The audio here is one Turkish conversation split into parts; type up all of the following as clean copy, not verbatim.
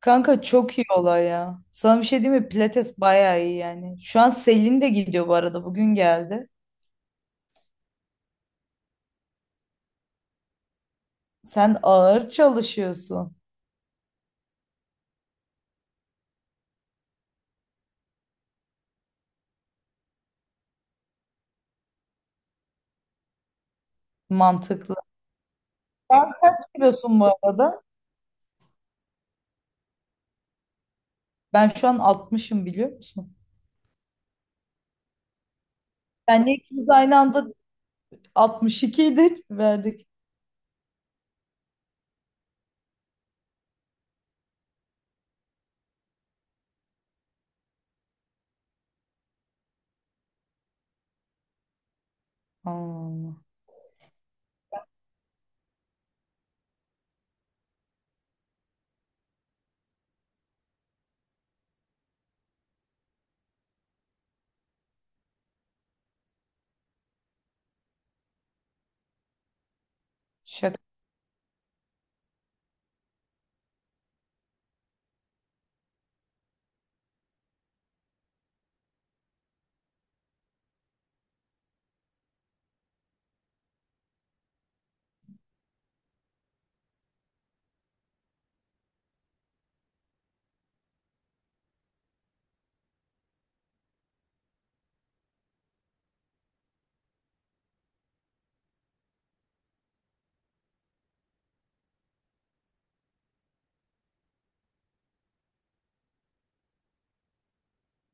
Kanka çok iyi olay ya. Sana bir şey diyeyim mi? Pilates bayağı iyi yani. Şu an Selin de gidiyor bu arada. Bugün geldi. Sen ağır çalışıyorsun. Mantıklı. Sen kaç kilosun bu arada? Ben şu an altmışım, biliyor musun? Senle ikimiz aynı anda altmış ikiydik, verdik. Allah. Şaka.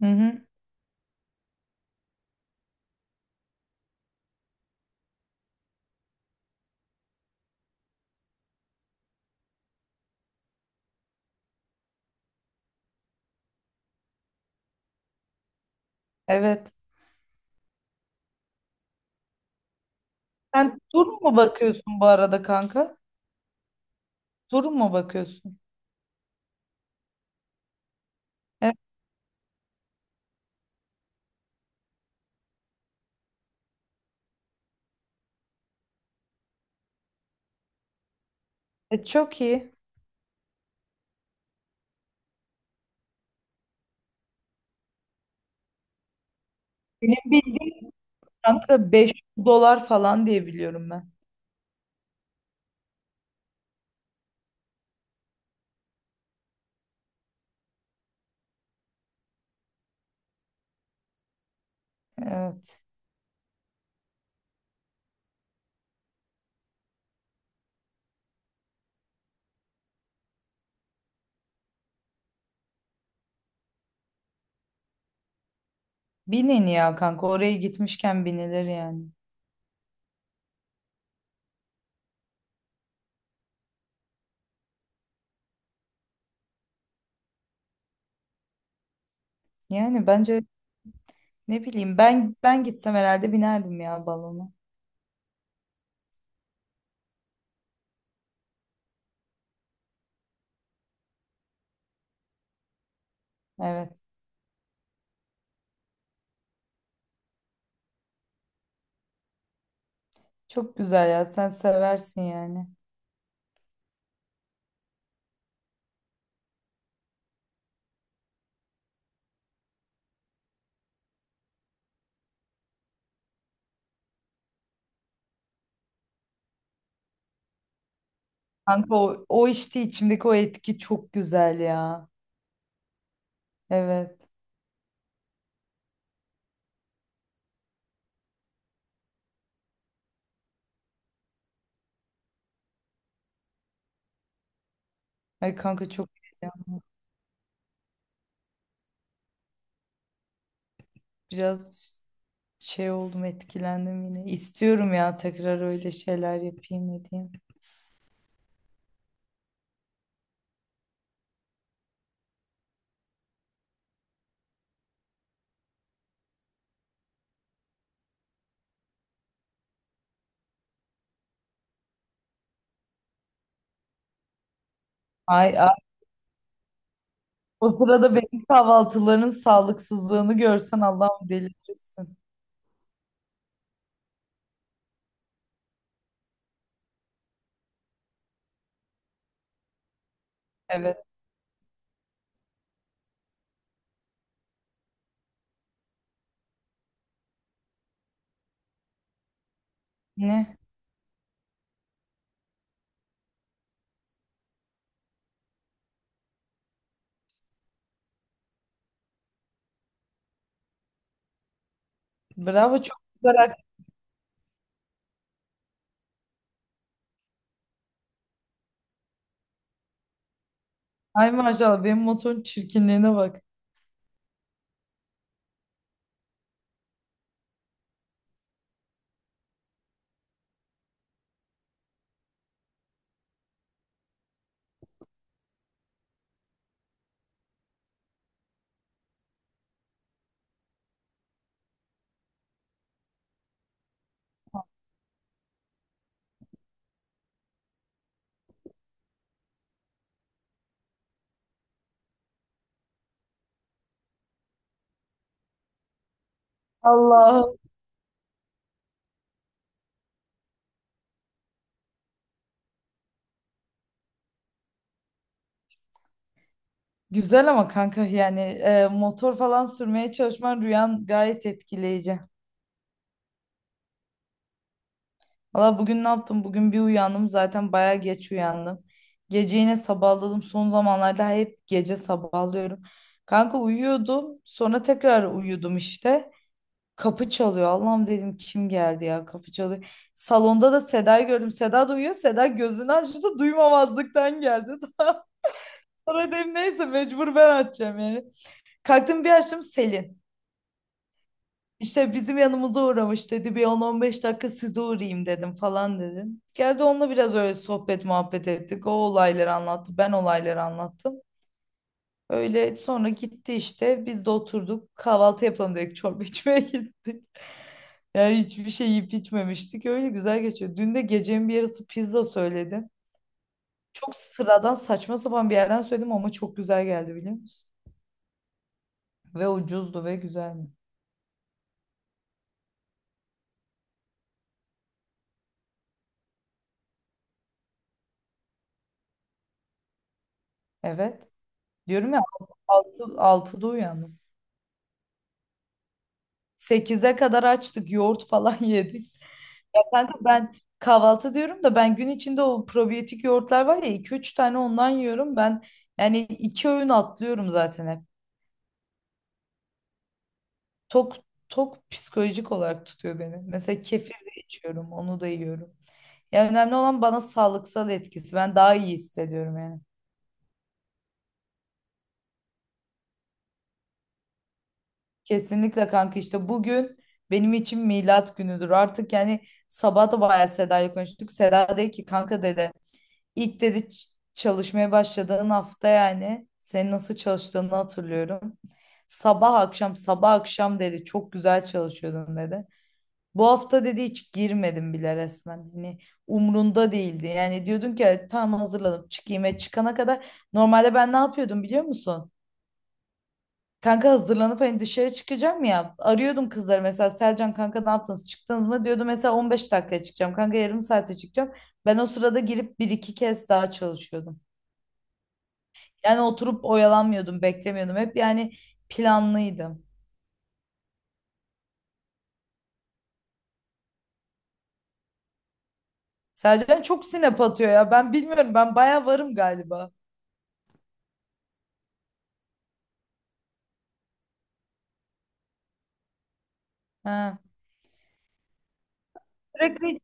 Hı hı. Evet. Sen tur mu bakıyorsun bu arada, kanka? Tur mu bakıyorsun? Evet. Çok iyi. Benim bildiğim, kanka, 5 dolar falan diye biliyorum ben. Evet. Binin ya kanka, oraya gitmişken binilir yani. Yani bence ne bileyim, ben gitsem herhalde binerdim ya balona. Evet. Çok güzel ya, sen seversin yani. Kanka o, işte içimdeki o etki çok güzel ya. Evet. ay kanka çok heyecan- biraz şey oldum, etkilendim yine. İstiyorum ya tekrar öyle şeyler yapayım edeyim. Ay, o sırada benim kahvaltıların sağlıksızlığını görsen Allah'ım delirirsin. Evet. Ne? Bravo, çok güzel. Ak- ay maşallah, benim motorun çirkinliğine bak. Allah'ım. Güzel ama kanka, yani motor falan sürmeye çalışman, rüyan gayet etkileyici. Valla bugün ne yaptım? Bugün bir uyandım, zaten baya geç uyandım. Gece yine sabahladım. Son zamanlarda hep gece sabahlıyorum. Kanka uyuyordum. Sonra tekrar uyudum işte. Kapı çalıyor. Allah'ım dedim, kim geldi ya, kapı çalıyor. Salonda da Seda'yı gördüm. Seda da uyuyor. Seda gözünü açtı, duymamazlıktan geldi. Sonra dedim neyse, mecbur ben açacağım yani. Kalktım, bir açtım, Selin. İşte bizim yanımıza uğramış dedi. Bir on on beş dakika size uğrayayım dedim falan dedim. Geldi, onunla biraz öyle sohbet muhabbet ettik. O olayları anlattı. Ben olayları anlattım. Öyle sonra gitti işte. Biz de oturduk. Kahvaltı yapalım dedik. Çorba içmeye gittik. Yani hiçbir şey yiyip içmemiştik. Öyle güzel geçiyor. Dün de gecenin bir yarısı pizza söyledim. Çok sıradan saçma sapan bir yerden söyledim ama çok güzel geldi, biliyor musun? Ve ucuzdu ve güzeldi. Evet. Diyorum ya, 6'da uyandım. Sekize kadar açtık. Yoğurt falan yedik. Ya kanka, ben kahvaltı diyorum da ben gün içinde o probiyotik yoğurtlar var ya, iki üç tane ondan yiyorum. Yani iki öğün atlıyorum zaten hep. Tok Tok psikolojik olarak tutuyor beni. Mesela kefir de içiyorum. Onu da yiyorum. Ya önemli olan bana sağlıksal etkisi. Ben daha iyi hissediyorum yani. Kesinlikle kanka, işte bugün benim için milat günüdür. Artık yani sabah da bayağı Seda'yla konuştuk. Seda dedi ki kanka dedi, ilk dedi çalışmaya başladığın hafta, yani senin nasıl çalıştığını hatırlıyorum. Sabah akşam sabah akşam dedi, çok güzel çalışıyordun dedi. Bu hafta dedi hiç girmedim bile resmen. Hani umrunda değildi. Yani diyordun ki "Ay, tamam hazırladım çıkayım." E çıkana kadar normalde ben ne yapıyordum, biliyor musun? Kanka hazırlanıp hani dışarı çıkacağım ya. Arıyordum kızları, mesela Selcan kanka ne yaptınız, çıktınız mı? Diyordu mesela 15 dakikaya çıkacağım. Kanka yarım saate çıkacağım. Ben o sırada girip bir iki kez daha çalışıyordum. Yani oturup oyalanmıyordum, beklemiyordum. Hep yani planlıydım. Selcan çok sinep atıyor ya. Ben bilmiyorum, ben baya varım galiba. Ha. Sürekli,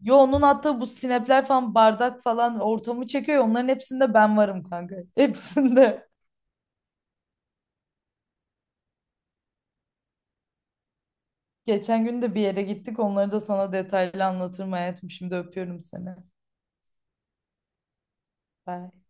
yo, onun attığı bu sinepler falan, bardak falan ortamı çekiyor ya. Onların hepsinde ben varım kanka. Hepsinde. Geçen gün de bir yere gittik. Onları da sana detaylı anlatırım hayatım. Şimdi öpüyorum seni. Bye.